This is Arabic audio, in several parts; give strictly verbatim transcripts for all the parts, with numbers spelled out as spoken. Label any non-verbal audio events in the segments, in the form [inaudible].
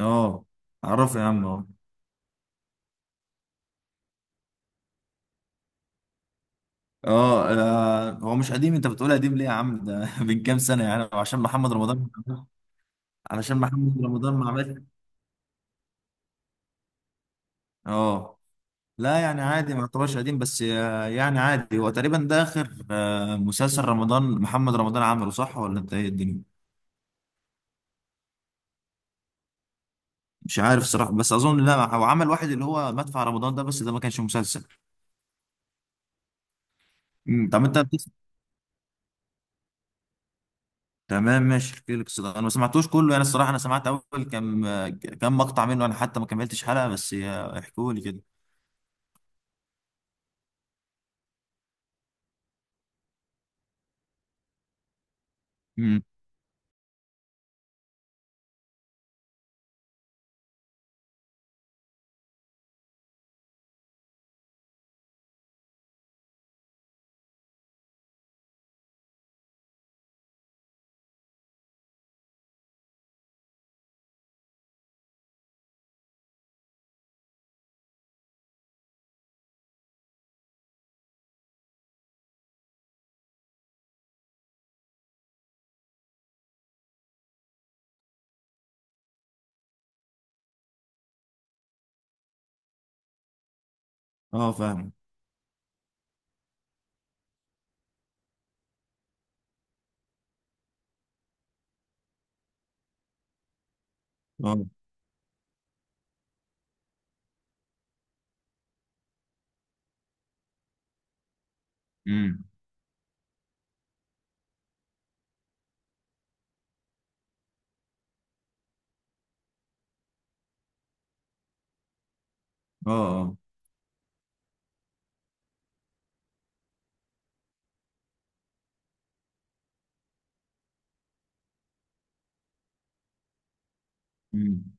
اه. اعرفه يا عم اه اه. آه، هو مش قديم، انت بتقول قديم ليه يا عم؟ ده [laughs] من كام سنه يعني عشان محمد رمضان. علشان محمد رمضان ما عملش. اه. لا يعني عادي ما يعتبرش قديم بس آه، يعني عادي، هو تقريبا ده اخر آه، مسلسل رمضان محمد رمضان عمله، صح ولا انت ايه الدنيا؟ مش عارف صراحه، بس اظن لا، هو عمل واحد اللي هو مدفع رمضان ده بس ده ما كانش مسلسل. مم، طب انت. تمام، ماشي، احكي لك. الصداع انا ما سمعتوش كله يعني، الصراحه انا سمعت اول كام كام مقطع منه، انا حتى ما كملتش حلقه بس احكوا لي كده. امم. اه، فاهم. اه. امم. اه. اه. امم.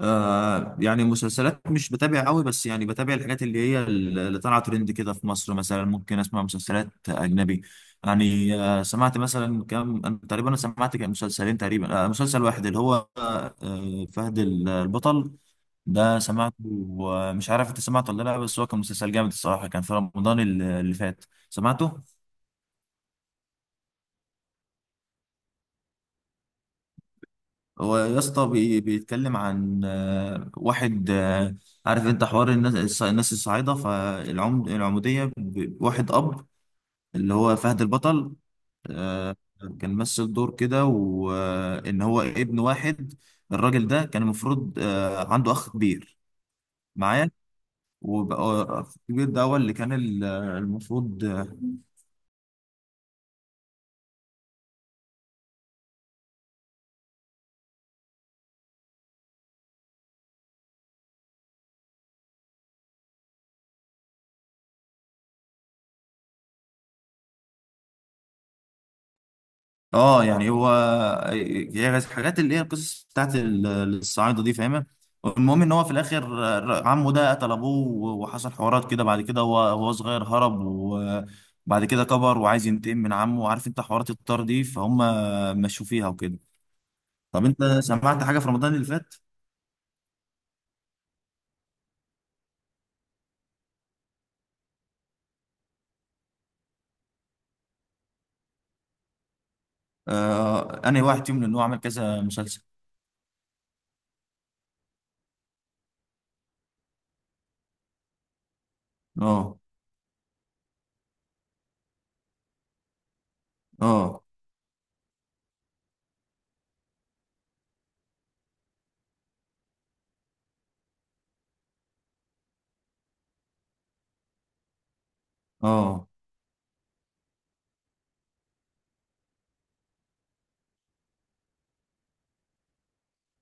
آه يعني مسلسلات مش بتابع قوي، بس يعني بتابع الحاجات اللي هي اللي طالعه ترند كده في مصر، مثلا ممكن اسمع مسلسلات اجنبي. يعني آه سمعت مثلا كام، أنا تقريبا انا سمعت كام مسلسلين تقريبا، آه مسلسل واحد اللي هو آه فهد البطل. ده سمعته. ومش عارف انت سمعته ولا لا، بس هو كان مسلسل جامد الصراحه، كان في رمضان اللي اللي فات. سمعته. هو يا اسطى بي- بيتكلم عن آه، واحد آه، عارف انت حوار الناس الص- الناس الصعايده، فالعمد العموديه ب- واحد اب اللي هو فهد البطل. آه، كان مثل دور كده وان هو ابن واحد، الراجل ده كان المفروض آه، عنده اخ كبير معايا. وبقى اخ كبير ده هو اللي كان ال- المفروض. اه يعني هو هي الحاجات اللي هي القصص بتاعت ال- الصعايده دي فاهمه. المهم ان هو في الاخر ر- عمه ده قتل ابوه و- وحصل حوارات كده، بعد كده هو هو صغير هرب، وبعد كده كبر وعايز ينتقم من عمه، وعارف انت حوارات الطار دي فهم مشوا فيها وكده. طب انت سمعت حاجه في رمضان اللي فات؟ آه انا واحد فيهم لان هو عمل كذا مسلسل. اه. اه. اه.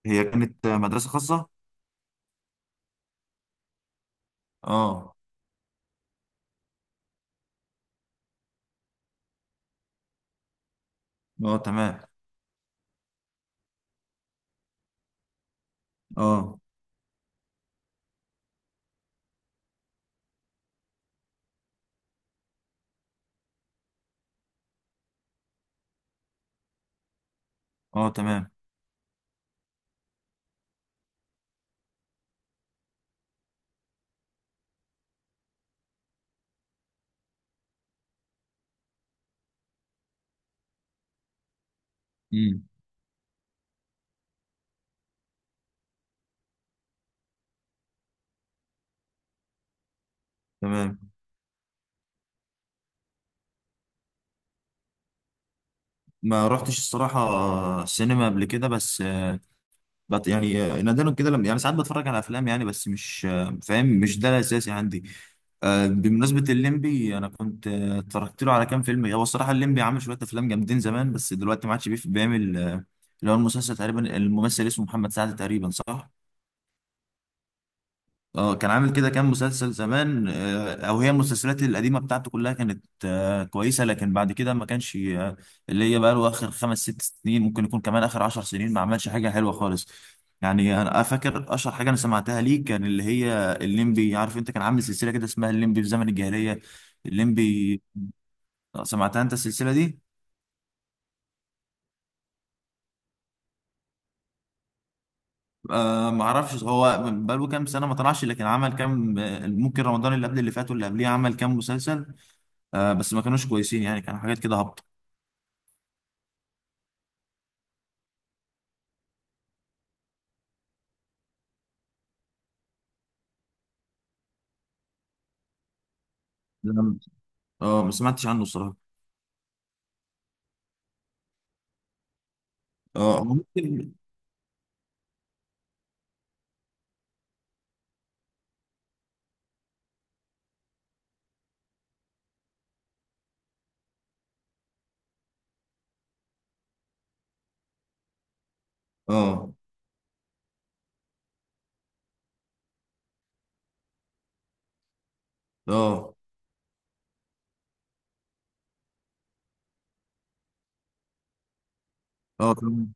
هي كانت مدرسه خاصه؟ اه. اه، تمام. اه. اه، تمام. امم. تمام. ما رحتش الصراحة سينما قبل كده، بس آه، بط يعني آه، نادرا كده، لما يعني ساعات بتفرج على أفلام يعني، بس مش آه، فاهم، مش ده الأساسي عندي. آه، بمناسبة الليمبي أنا كنت آه، اتفرجت له على كام فيلم، هو الصراحة الليمبي عامل شوية أفلام جامدين زمان، بس دلوقتي ما عادش بيف- بيعمل آه، اللي هو المسلسل تقريبا، الممثل اسمه محمد سعد تقريبا، صح؟ اه، كان عامل كده كام مسلسل زمان آه، او هي المسلسلات القديمه بتاعته كلها كانت آه، كويسه، لكن بعد كده ما كانش آه، اللي هي بقى له اخر خمس ست سنين، ممكن يكون كمان اخر عشر سنين ما عملش حاجه حلوه خالص. يعني انا فاكر اشهر حاجه انا سمعتها ليه كان اللي هي الليمبي، عارف انت كان عامل سلسله كده اسمها الليمبي في زمن الجاهليه. الليمبي. آه، سمعتها انت السلسله دي؟ أه ما اعرفش، هو بقاله كام سنه ما طلعش، لكن عمل كام آه، ممكن رمضان اللي قبل اللي فات واللي قبليه عمل كام مسلسل. آه بس ما كانوش كويسين يعني، كانوا حاجات كده هابطه. لم- اه، ما سمعتش عنه الصراحه. اه هو ممكن. اه. اه، اه فاهم.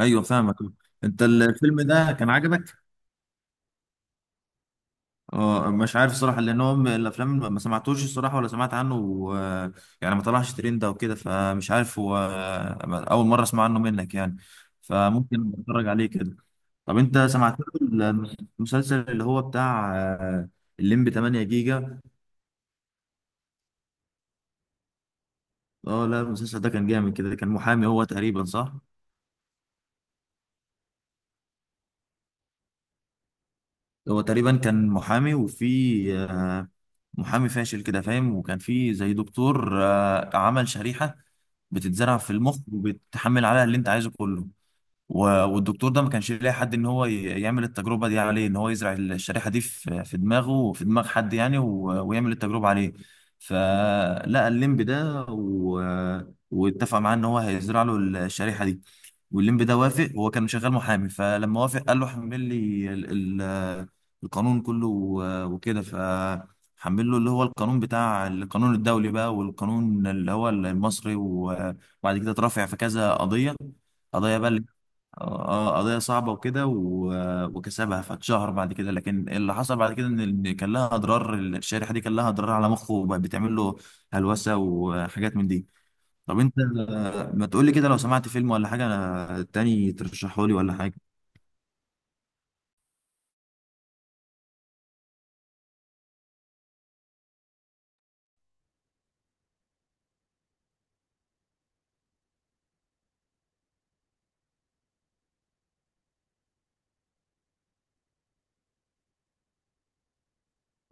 ايوه، فاهمك. انت الفيلم ده كان عجبك؟ اه، مش عارف الصراحه لان هو من الافلام ما سمعتوش الصراحه ولا سمعت عنه و، يعني ما طلعش ترند او كده، فمش عارف هو اول مره اسمع عنه منك يعني. فممكن اتفرج عليه كده. طب انت سمعت له المسلسل اللي هو بتاع آه، الليمبي تمانية جيجا؟ اه، لا المسلسل ده كان جامد كده، كان محامي هو تقريبا، صح. هو تقريبا كان محامي وفي آه، محامي فاشل كده فاهم، وكان في زي دكتور آه، عمل شريحة بتتزرع في المخ وبتحمل عليها اللي انت عايزه كله. و- والدكتور ده ما كانش لاقي حد ان هو ي- يعمل التجربه دي عليه، ان هو يزرع الشريحه دي في في دماغه وفي دماغ حد يعني، و- ويعمل التجربه عليه. فلقى الليمب ده و، واتفق معاه ان هو هيزرع له الشريحه دي. والليمب ده وافق، هو كان شغال محامي، فلما وافق قال له حمل لي ال... ال... القانون كله و- وكده، ف حمل له اللي هو القانون بتاع القانون الدولي بقى والقانون اللي هو المصري و- وبعد كده اترافع في كذا قضية، قضايا بقى. اه. آه، قضية صعبة وكده، و- وكسبها فاتشهر بعد كده، لكن اللي حصل بعد كده ان ال- كان لها اضرار الشريحة دي، كان لها اضرار على مخه وبقت بتعمل له هلوسة وحاجات من دي. طب انت آه، ما تقول لي كده، لو سمعت فيلم ولا حاجة آه، تاني ترشحه لي ولا حاجة؟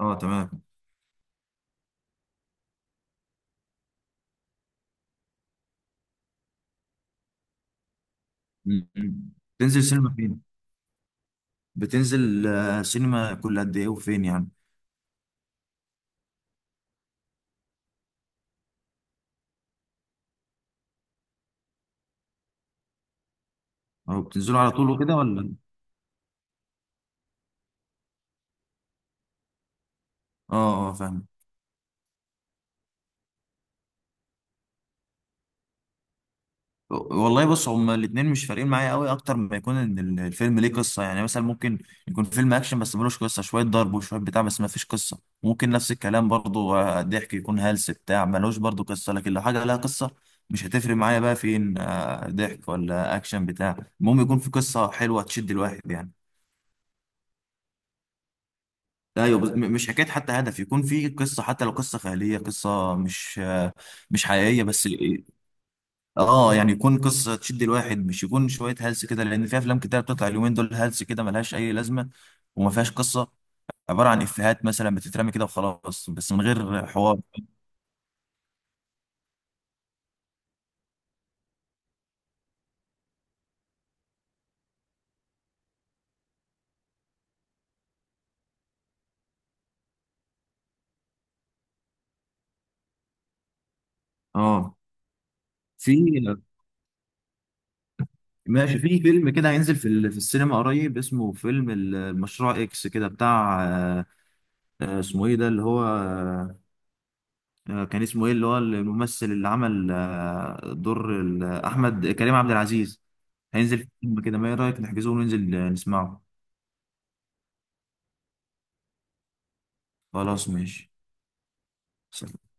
اه، تمام. م- م. بتنزل سينما فين؟ بتنزل آه، سينما كل قد ايه وفين يعني؟ او بتنزلوا على طول وكده ولا؟ اه، اه، فاهم. والله بص، هما الاتنين مش فارقين معايا قوي، اكتر ما يكون ان ال- الفيلم ليه قصه يعني، مثلا ممكن يكون فيلم اكشن بس ملوش قصه، شويه ضرب وشويه بتاع بس ما فيش قصه. ممكن نفس الكلام برضو آه، ضحك يكون هلس بتاع ملوش برضو قصه، لكن لو حاجه لها قصه مش هتفرق معايا بقى فين آه، ضحك ولا اكشن بتاع، المهم يكون في قصه حلوه تشد الواحد يعني. ايوه، بس م- مش حكايه حتى هدف، يكون في قصه، حتى لو قصه خياليه قصه مش آه، مش حقيقيه بس. اه، يعني يكون قصه تشد الواحد، مش يكون شويه هلس كده، لان في افلام كتير بتطلع اليومين دول هلس كده ملهاش اي لازمه وما فيهاش قصه. عباره عن افيهات مثلا بتترمي كده وخلاص، بس من غير حوار. اه. في ماشي، في فيلم كده هينزل في ال- في السينما قريب اسمه فيلم ال- المشروع اكس كده بتاع آه، آه، اسمه ايه ده اللي هو آه، كان اسمه ايه اللي هو الممثل اللي عمل آه، دور ال- احمد كريم عبد العزيز. هينزل فيلم كده، ما ايه رايك نحجزه وننزل آه، نسمعه؟ خلاص، ماشي، سلام.